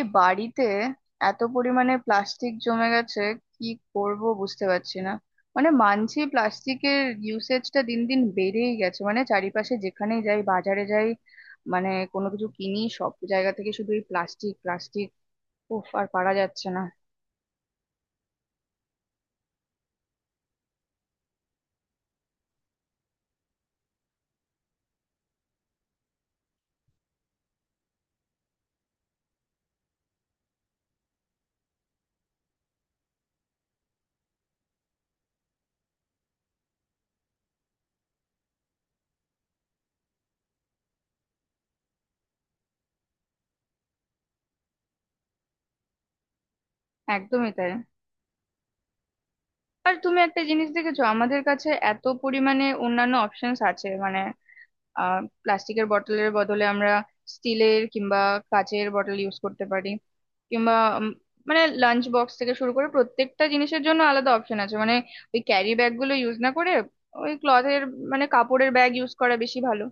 এই বাড়িতে এত পরিমাণে প্লাস্টিক জমে গেছে কি করব বুঝতে পারছি না। মানে, মানছি প্লাস্টিকের ইউসেজটা দিন দিন বেড়েই গেছে, মানে চারিপাশে যেখানেই যাই, বাজারে যাই, মানে কোনো কিছু কিনি, সব জায়গা থেকে শুধু এই প্লাস্টিক প্লাস্টিক। উফ, আর পারা যাচ্ছে না। একদমই তাই। আর তুমি একটা জিনিস দেখেছো, আমাদের কাছে এত পরিমাণে অন্যান্য অপশনস আছে। মানে প্লাস্টিকের বটলের বদলে আমরা স্টিলের কিংবা কাচের বটল ইউজ করতে পারি, কিংবা মানে লাঞ্চ বক্স থেকে শুরু করে প্রত্যেকটা জিনিসের জন্য আলাদা অপশন আছে। মানে ওই ক্যারি ব্যাগ গুলো ইউজ না করে ওই ক্লথের মানে কাপড়ের ব্যাগ ইউজ করা বেশি ভালো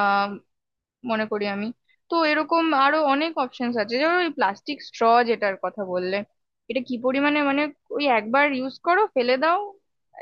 আহ মনে করি আমি। তো এরকম আরো অনেক অপশনস আছে, যেমন ওই প্লাস্টিক স্ট্র, যেটার কথা বললে, এটা কি পরিমাণে মানে ওই একবার ইউজ করো ফেলে দাও।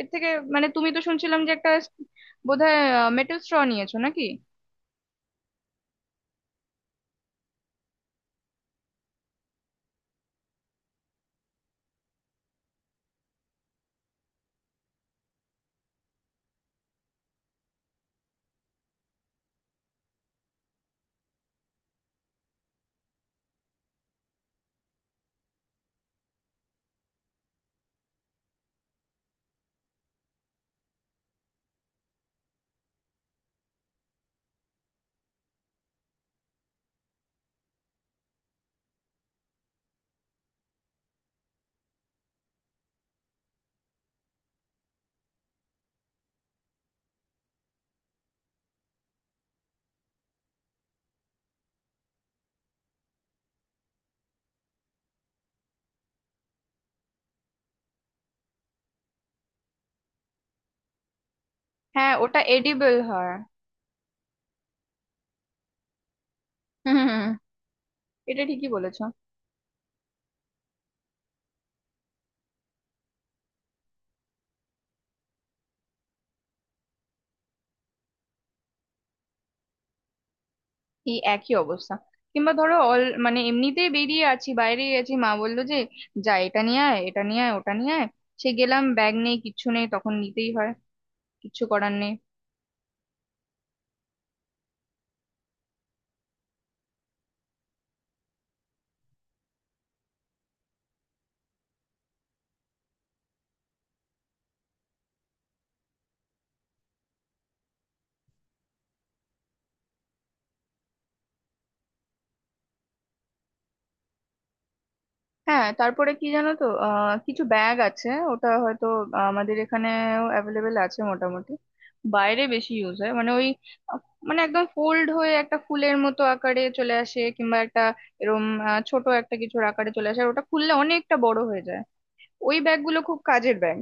এর থেকে মানে তুমি তো শুনছিলাম যে একটা বোধহয় মেটাল স্ট্র নিয়েছো নাকি? হ্যাঁ, ওটা এডিবল হয়। হুম হুম, হুম, এটা ঠিকই বলেছো। এই একই অবস্থা। কিংবা ধরো অল মানে এমনিতেই বেরিয়ে আছি, বাইরে আছি, মা বললো যে যা এটা নিয়ে আয়, এটা নিয়ে আয়, ওটা নিয়ে আয়। সে গেলাম, ব্যাগ নেই, কিচ্ছু নেই, তখন নিতেই হয়, কিচ্ছু করার নেই। হ্যাঁ, তারপরে কি জানো তো কিছু ব্যাগ আছে, ওটা হয়তো আমাদের এখানেও অ্যাভেলেবেল আছে মোটামুটি, বাইরে বেশি ইউজ হয়। মানে ওই আহ, মানে একদম ফোল্ড হয়ে একটা ফুলের মতো আকারে চলে আসে, কিংবা একটা এরম ছোট একটা কিছুর আকারে চলে আসে, আর ওটা খুললে অনেকটা বড় হয়ে যায়। ওই ব্যাগগুলো খুব কাজের ব্যাগ।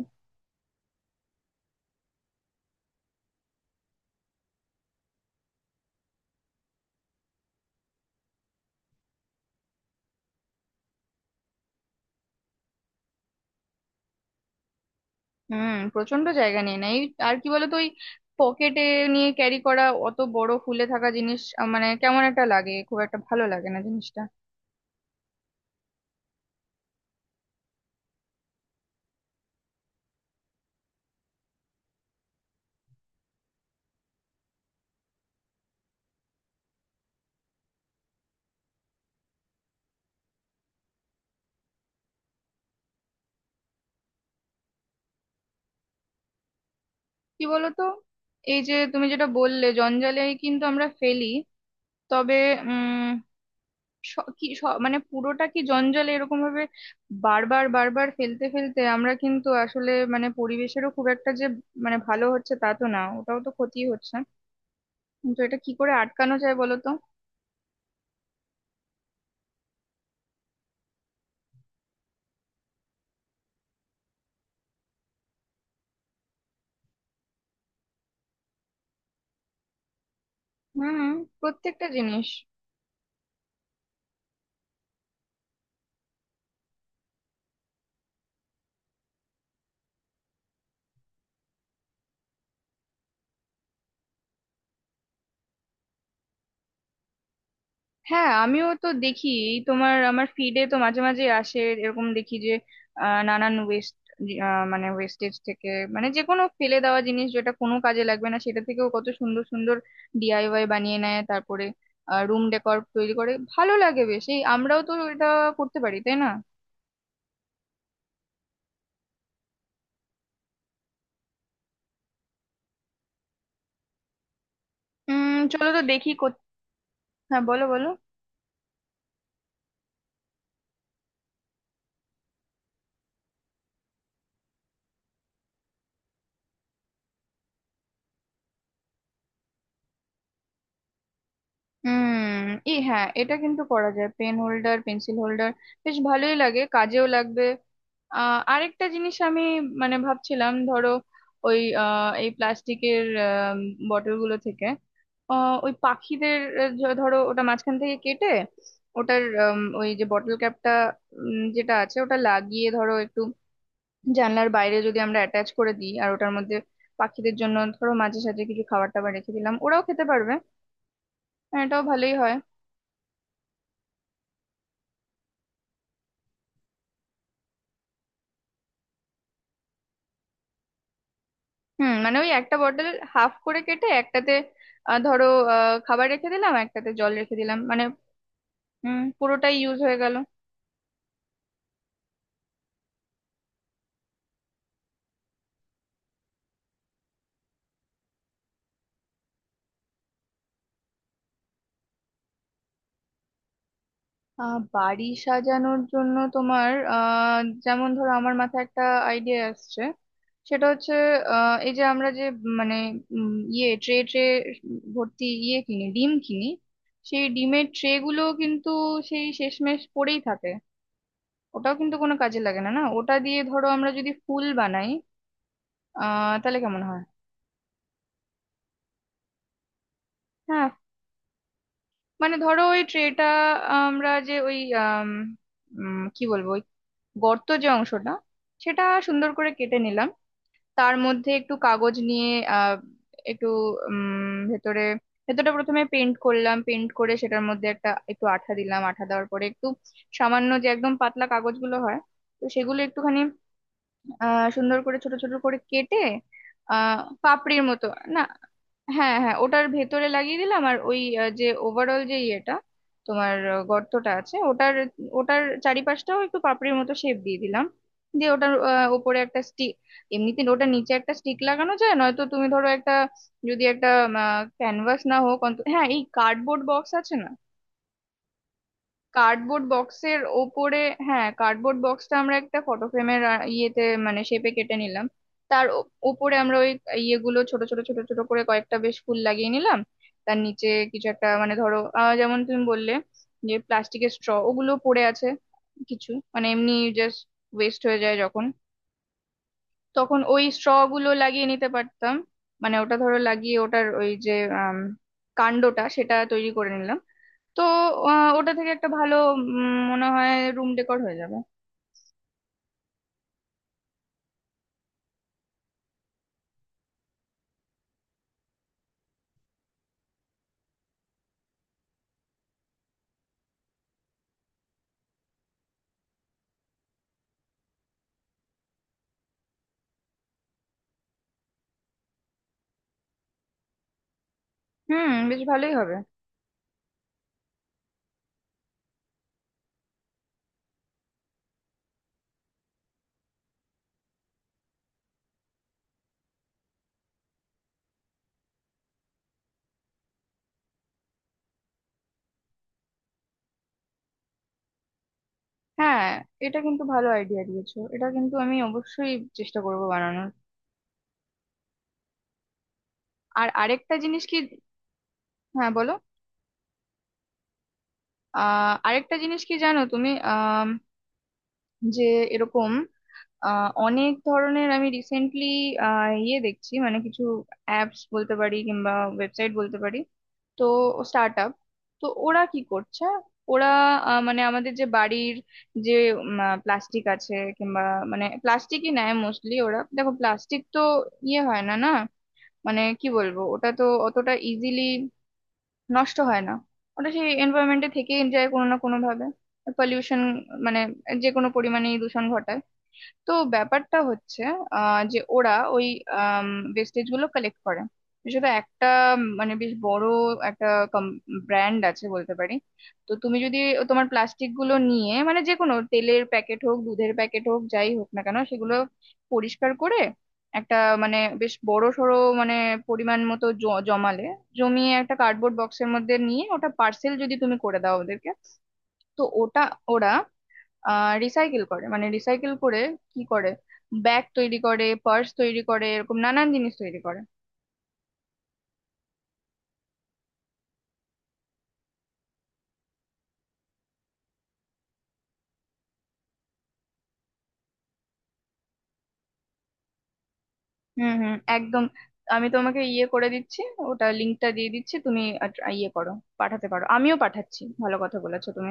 হুম, প্রচন্ড জায়গা নিয়ে নেয় এই। আর কি বলতো ওই পকেটে নিয়ে ক্যারি করা অত বড় ফুলে থাকা জিনিস মানে কেমন একটা লাগে, খুব একটা ভালো লাগে না জিনিসটা। কি বলতো, এই যে তুমি যেটা বললে জঞ্জালে কিন্তু আমরা ফেলি, তবে উম মানে পুরোটা কি জঞ্জালে এরকম ভাবে বারবার বারবার ফেলতে ফেলতে আমরা কিন্তু আসলে মানে পরিবেশেরও খুব একটা যে মানে ভালো হচ্ছে তা তো না, ওটাও তো ক্ষতি হচ্ছে। কিন্তু এটা কি করে আটকানো যায় বলতো? হুম, প্রত্যেকটা জিনিস। হ্যাঁ, আমিও তো দেখি, এই তোমার আমার ফিডে তো মাঝে মাঝে আসে, এরকম দেখি যে নানান ওয়েস্ট মানে ওয়েস্টেজ থেকে, মানে যে কোনো ফেলে দেওয়া জিনিস যেটা কোনো কাজে লাগবে না, সেটা থেকেও কত সুন্দর সুন্দর ডিআইওয়াই বানিয়ে নেয়। তারপরে রুম ডেকর তৈরি করে, ভালো লাগে বেশ। এই আমরাও তো এটা করতে পারি তাই না? চলো তো দেখি হ্যাঁ, বলো বলো। হুম, এই হ্যাঁ, এটা কিন্তু করা যায়, পেন হোল্ডার পেন্সিল হোল্ডার, বেশ ভালোই লাগে, কাজেও লাগবে। আরেকটা জিনিস আমি মানে ভাবছিলাম, ধরো ওই এই প্লাস্টিকের বটল গুলো থেকে ওই পাখিদের ধরো ওটা মাঝখান থেকে কেটে ওটার ওই যে বটল ক্যাপটা যেটা আছে ওটা লাগিয়ে, ধরো একটু জানলার বাইরে যদি আমরা অ্যাটাচ করে দিই, আর ওটার মধ্যে পাখিদের জন্য ধরো মাঝে সাঝে কিছু খাবার টাবার রেখে দিলাম, ওরাও খেতে পারবে। এটাও ভালোই হয়। হুম, মানে ওই একটা বটল হাফ করে কেটে, একটাতে ধরো খাবার রেখে দিলাম, একটাতে জল রেখে দিলাম, মানে হুম, পুরোটাই ইউজ হয়ে গেল। বাড়ি সাজানোর জন্য তোমার যেমন ধরো আমার মাথায় একটা আইডিয়া আসছে, সেটা হচ্ছে এই যে আমরা যে মানে ইয়ে ট্রে ট্রে ভর্তি ইয়ে কিনি, ডিম কিনি, সেই ডিমের ট্রে গুলো কিন্তু সেই শেষমেশ পড়েই থাকে। ওটাও কিন্তু কোনো কাজে লাগে না। না, ওটা দিয়ে ধরো আমরা যদি ফুল বানাই তাহলে কেমন হয়? হ্যাঁ, মানে ধরো ওই ট্রেটা আমরা যে ওই আম, কি বলবো, ওই গর্ত যে অংশটা সেটা সুন্দর করে কেটে নিলাম, তার মধ্যে একটু কাগজ নিয়ে আহ একটু ভেতরে, ভেতরটা প্রথমে পেন্ট করলাম, পেন্ট করে সেটার মধ্যে একটা একটু আঠা দিলাম, আঠা দেওয়ার পরে একটু সামান্য যে একদম পাতলা কাগজগুলো হয়, তো সেগুলো একটুখানি সুন্দর করে ছোট ছোট করে কেটে আহ পাপড়ির মতো, না, হ্যাঁ হ্যাঁ ওটার ভেতরে লাগিয়ে দিলাম। আর ওই যে ওভারঅল যে ইয়েটা তোমার গর্তটা আছে ওটার, ওটার চারিপাশটাও একটু পাপড়ির মতো শেপ দিয়ে দিলাম। দিয়ে ওটার ওপরে একটা স্টিক, এমনিতে ওটার নিচে একটা স্টিক লাগানো যায়, নয়তো তুমি ধরো একটা যদি একটা ক্যানভাস না হোক অন্তত হ্যাঁ এই কার্ডবোর্ড বক্স আছে না, কার্ডবোর্ড বক্সের ওপরে, হ্যাঁ কার্ডবোর্ড বক্সটা আমরা একটা ফটো ফ্রেমের ইয়েতে মানে শেপে কেটে নিলাম, তার ওপরে আমরা ওই ইয়েগুলো ছোট ছোট করে কয়েকটা বেশ ফুল লাগিয়ে নিলাম। তার নিচে কিছু একটা মানে ধরো যেমন তুমি বললে যে প্লাস্টিকের স্ট্র ওগুলো পড়ে আছে কিছু, মানে এমনি জাস্ট ওয়েস্ট হয়ে যায় যখন, তখন ওই স্ট্র গুলো লাগিয়ে নিতে পারতাম, মানে ওটা ধরো লাগিয়ে ওটার ওই যে আম, কাণ্ডটা সেটা তৈরি করে নিলাম। তো ওটা থেকে একটা ভালো মনে হয় রুম ডেকোর হয়ে যাবে। হুম, বেশ ভালোই হবে। হ্যাঁ, এটা কিন্তু ভালো আইডিয়া দিয়েছো, এটা কিন্তু আমি অবশ্যই চেষ্টা করব বানানোর। আর আরেকটা জিনিস কি, হ্যাঁ বলো, আরেকটা জিনিস কি জানো তুমি যে এরকম অনেক ধরনের আমি রিসেন্টলি ইয়ে দেখছি, মানে কিছু অ্যাপস বলতে পারি কিংবা ওয়েবসাইট বলতে পারি, তো স্টার্ট আপ, তো ওরা কি করছে, ওরা মানে আমাদের যে বাড়ির যে প্লাস্টিক আছে, কিংবা মানে প্লাস্টিকই নেয় মোস্টলি ওরা, দেখো প্লাস্টিক তো ইয়ে হয় না, না মানে কি বলবো, ওটা তো অতটা ইজিলি নষ্ট হয় না, ওটা সেই এনভায়রনমেন্টে থেকেই যায় কোনো না কোনো ভাবে, পলিউশন মানে যে কোনো পরিমাণে দূষণ ঘটায়। তো ব্যাপারটা হচ্ছে যে ওরা ওই ওয়েস্টেজ গুলো কালেক্ট করে, সেটা একটা মানে বেশ বড় একটা ব্র্যান্ড আছে বলতে পারি। তো তুমি যদি তোমার প্লাস্টিক গুলো নিয়ে, মানে যে কোনো তেলের প্যাকেট হোক, দুধের প্যাকেট হোক, যাই হোক না কেন, সেগুলো পরিষ্কার করে একটা মানে বেশ বড় সড়ো মানে পরিমাণ মতো জমালে, জমিয়ে একটা কার্ডবোর্ড বক্সের মধ্যে নিয়ে ওটা পার্সেল যদি তুমি করে দাও ওদেরকে, তো ওটা ওরা রিসাইকেল করে, মানে রিসাইকেল করে কি করে, ব্যাগ তৈরি করে, পার্স তৈরি করে, এরকম নানান জিনিস তৈরি করে। হুম হুম, একদম। আমি তোমাকে ইয়ে করে দিচ্ছি, ওটা লিঙ্কটা দিয়ে দিচ্ছি, তুমি ইয়ে করো, পাঠাতে পারো, আমিও পাঠাচ্ছি। ভালো কথা বলেছো তুমি।